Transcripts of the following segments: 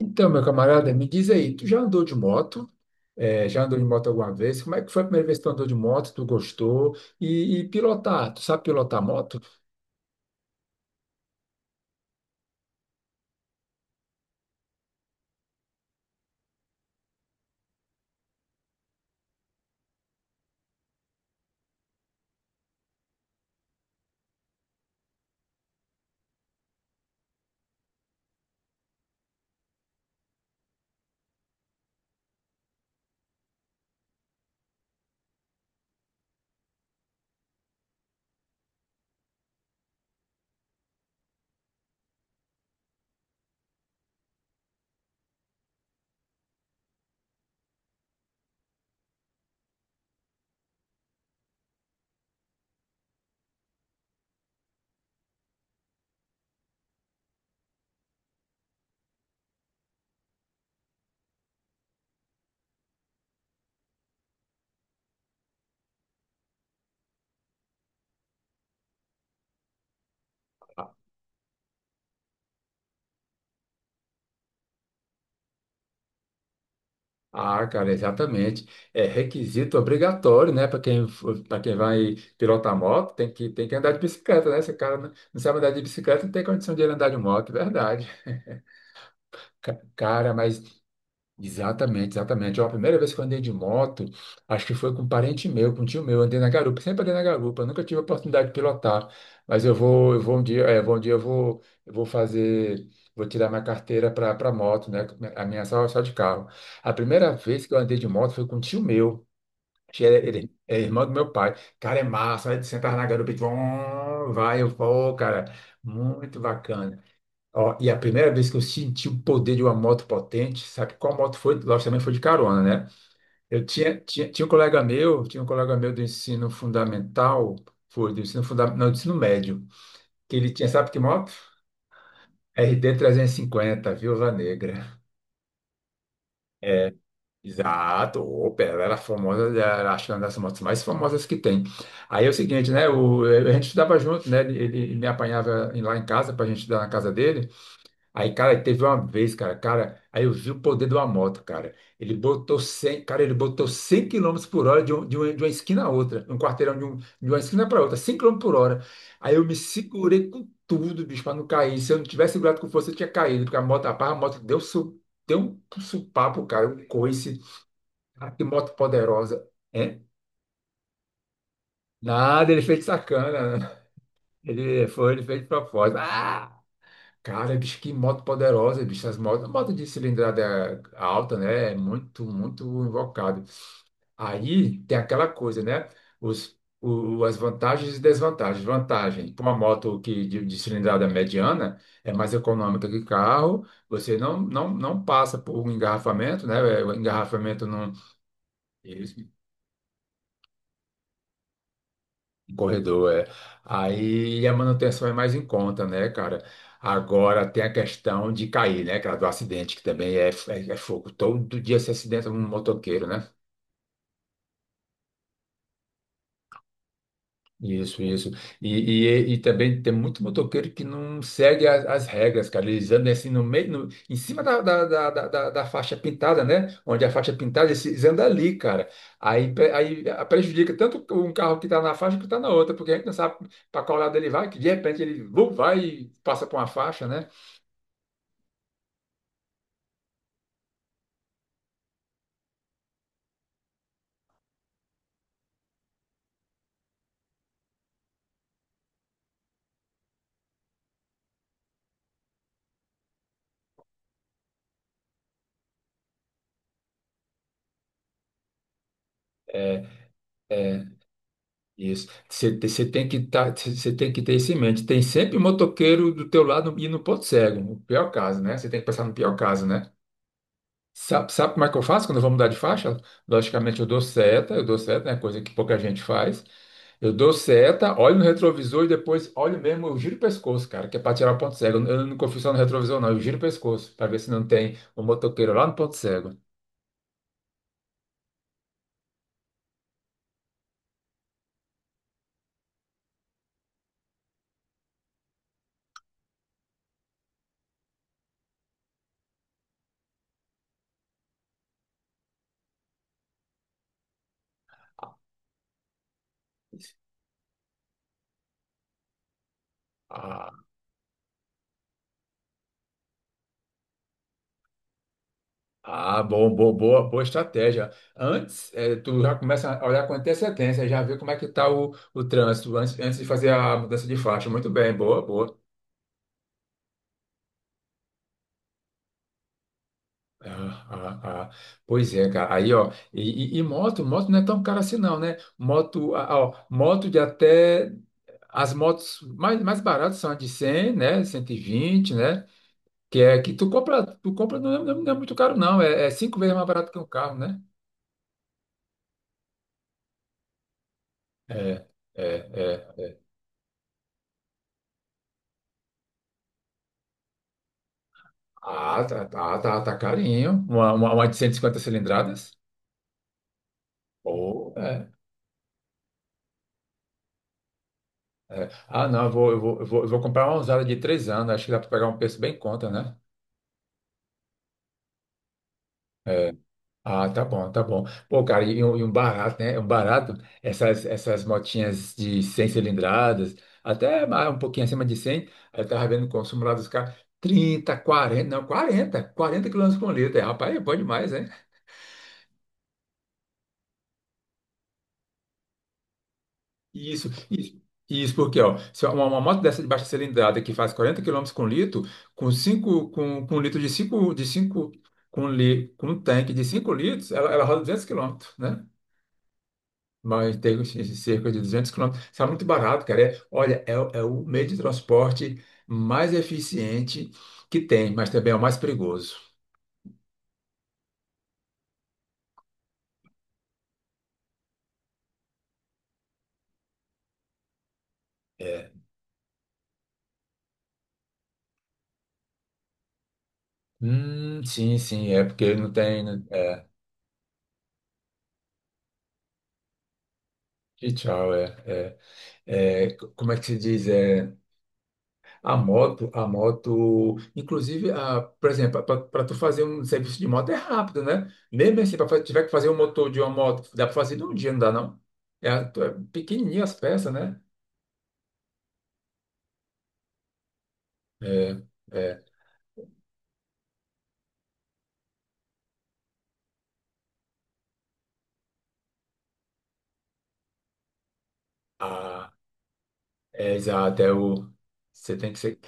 Então, meu camarada, me diz aí, tu já andou de moto? É, já andou de moto alguma vez? Como é que foi a primeira vez que tu andou de moto? Tu gostou? E pilotar, tu sabe pilotar moto? Ah, Cara, exatamente. É requisito obrigatório, né? Para quem vai pilotar moto, tem que andar de bicicleta, né? Se o cara não sabe andar de bicicleta, não tem condição de ele andar de moto, é verdade. Cara, mas exatamente, exatamente. Ó, a primeira vez que eu andei de moto, acho que foi com um parente meu, com um tio meu, andei na garupa, sempre andei na garupa, nunca tive a oportunidade de pilotar, mas eu vou um dia, é, vou um dia eu vou fazer, vou tirar minha carteira para moto, né? A minha é só de carro. A primeira vez que eu andei de moto foi com um tio meu, ele é irmão do meu pai. Cara, é massa, aí tu sentava na garupa e tu, "Vum", vai, eu vou, cara, muito bacana. Ó, e a primeira vez que eu senti o poder de uma moto potente, sabe qual moto foi? Lógico, também foi de carona, né? Eu tinha um colega meu, tinha um colega meu do ensino fundamental, foi do ensino fundamental, não, do ensino médio, que ele tinha, sabe que moto? RD350, Viúva Negra. Exato, opa, ela era famosa, era, acho que uma das motos mais famosas que tem. Aí é o seguinte, né? A gente estudava junto, né? Ele me apanhava lá em casa para a gente estudar na casa dele. Aí, cara, teve uma vez, cara, aí eu vi o poder de uma moto, cara. Ele botou 100, cara, ele botou 100 quilômetros por hora de uma esquina a outra, um quarteirão de uma esquina para outra, 100 km/h. Aí eu me segurei com tudo, bicho, para não cair. Se eu não tivesse segurado com força, eu tinha caído, porque a moto, a barra, a moto deu um supapo, cara, um coice. Cara, que moto poderosa, hein? Nada, ele fez de sacana, né? Ele fez de propósito. Ah! Cara, bicho, que moto poderosa, bicho. Moto de cilindrada alta, né? É muito, muito invocado. Aí tem aquela coisa, né? As vantagens e desvantagens. Vantagem, para uma moto de cilindrada mediana, é mais econômica que carro. Você não passa por um engarrafamento, né? O engarrafamento não. Corredor, é. Aí a manutenção é mais em conta, né, cara? Agora tem a questão de cair, né, cara, do acidente, que também é fogo. Todo dia se acidenta um motoqueiro, né? Isso, isso. E, e também tem muito motoqueiro que não segue as regras, cara. Eles andam assim no meio, em cima da faixa pintada, né? Onde a faixa é pintada, eles andam ali, cara. Aí, prejudica tanto um carro que tá na faixa que tá na outra, porque a gente não sabe para qual lado ele vai, que de repente ele vum, vai e passa por uma faixa, né? É, é, isso. Você tem que tá, você tem que ter isso em mente. Tem sempre motoqueiro do teu lado e no ponto cego, o pior caso, né? Você tem que pensar no pior caso, né? Sabe como é que eu faço quando eu vou mudar de faixa? Logicamente, eu dou seta, né? Coisa que pouca gente faz. Eu dou seta, olho no retrovisor e depois olho mesmo, eu giro o pescoço, cara, que é para tirar o ponto cego. Eu não confio só no retrovisor, não, eu giro o pescoço para ver se não tem um motoqueiro lá no ponto cego. Ah, Bom, boa estratégia. Antes, tu já começa a olhar com antecedência, já vê como é que está o trânsito, antes de fazer a mudança de faixa. Muito bem, boa, boa. Ah, ah, ah. Pois é, cara. Aí, ó, e moto não é tão cara assim, não, né? Moto, ah, ó, moto de até. As motos mais baratas são a de 100, né? 120, né? Que é que tu compra, não é muito caro, não. É, cinco vezes mais barato que um carro, né? É, é, é. Ah, tá, tá, tá, tá carinho. Uma de 150 cilindradas. Oh, é, é. Ah, não, eu vou comprar uma usada de 3 anos. Acho que dá para pegar um preço bem em conta, né? É. Ah, tá bom, tá bom. Pô, cara, e um barato, né? Um barato, essas motinhas de 100 cilindradas, até um pouquinho acima de 100, eu tava vendo o consumo lá dos caras, 30, 40, não, quarenta quilômetros por litro. É, rapaz, é bom demais, né? Isso, isso. Isso porque, ó, se uma moto dessa de baixa cilindrada que faz 40 quilômetros com litro, com cinco com um litro de cinco com, li, com um tanque de 5 litros, ela roda 200 quilômetros, né? Mas tem uns cerca de 200 quilômetros. Está muito barato, cara. É, olha, é, o é o meio de transporte mais eficiente que tem, mas também é o mais perigoso. Sim, sim, é porque não tem, né? É, e tchau, é, como é que se diz? É, a moto, inclusive, a, por exemplo, para tu fazer um serviço de moto é rápido, né? Mesmo assim, para tiver que fazer um motor de uma moto, dá para fazer num dia, não dá, não? É, é pequenininha as peças, né? É, é. É, exato, é o. Você tem que ser.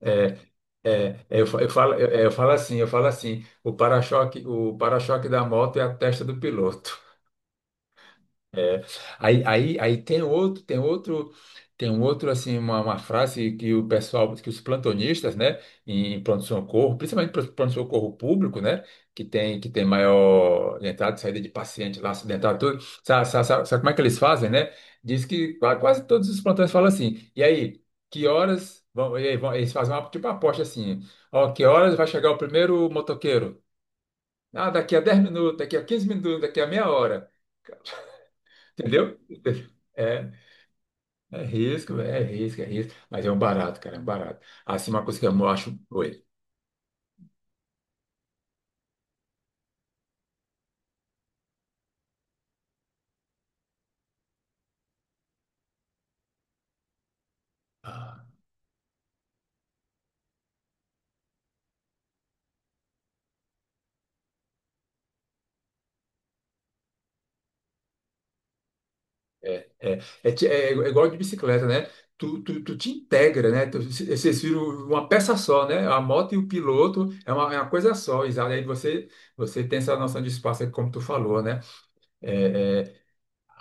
É, é. Eu falo assim, o para-choque, da moto é a testa do piloto. É. Aí tem um outro assim, uma frase que o pessoal, que os plantonistas, né, em pronto-socorro, principalmente pronto-socorro público, né, que tem maior entrada e saída de paciente lá acidentado, tudo. Sabe como é que eles fazem, né? Diz que quase todos os plantões falam assim. E aí, que horas vão, e aí, vão, eles fazem uma tipo uma aposta assim. Ó, que horas vai chegar o primeiro motoqueiro? Ah, daqui a 10 minutos, daqui a 15 minutos, daqui a meia hora, entendeu? É. É risco, é risco, é risco. Mas é um barato, cara, é um barato. Assim, uma coisa que eu acho. Oi. Ah, é igual de bicicleta, né? Tu te integra, né? Vocês viram uma peça só, né? A moto e o piloto é uma coisa só, exato. Aí você tem essa noção de espaço, é como tu falou, né? É, é,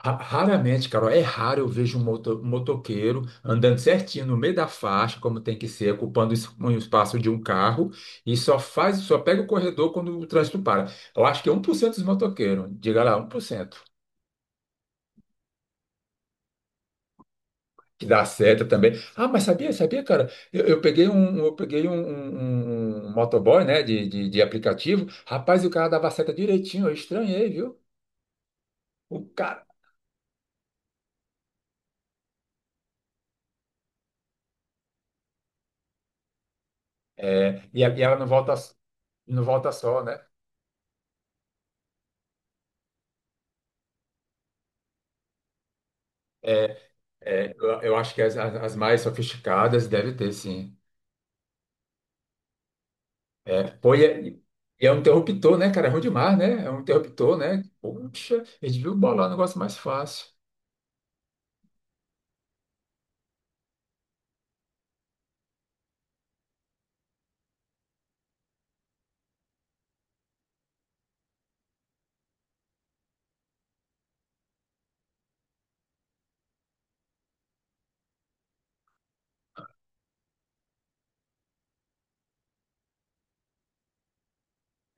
Raramente, Carol, é raro eu vejo um um motoqueiro andando certinho no meio da faixa, como tem que ser, ocupando um espaço de um carro, e só pega o corredor quando o trânsito para. Eu acho que é 1% dos motoqueiros, diga lá, 1% que dá seta também. Ah, mas sabia, cara? Eu peguei um, um, eu peguei um, um motoboy, né, de aplicativo. Rapaz, o cara dava seta direitinho, eu estranhei, viu? O cara. É, e ela não volta, não volta só, né? É, É. Eu acho que as mais sofisticadas devem ter, sim. É, pô, e é um interruptor, né, cara? É ruim demais, né? É um interruptor, né? Poxa, a gente viu bolar um negócio mais fácil.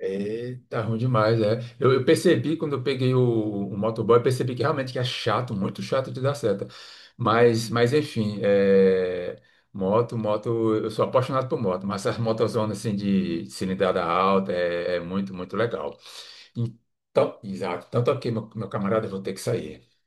Eita, ruim demais, é. Eu percebi quando eu peguei o motoboy, eu percebi que realmente que é chato, muito chato de dar seta. Mas enfim, é, moto, eu sou apaixonado por moto, mas essas motozonas assim de cilindrada alta é muito, muito legal. Então, exato. Então, tá ok, meu camarada, eu vou ter que sair.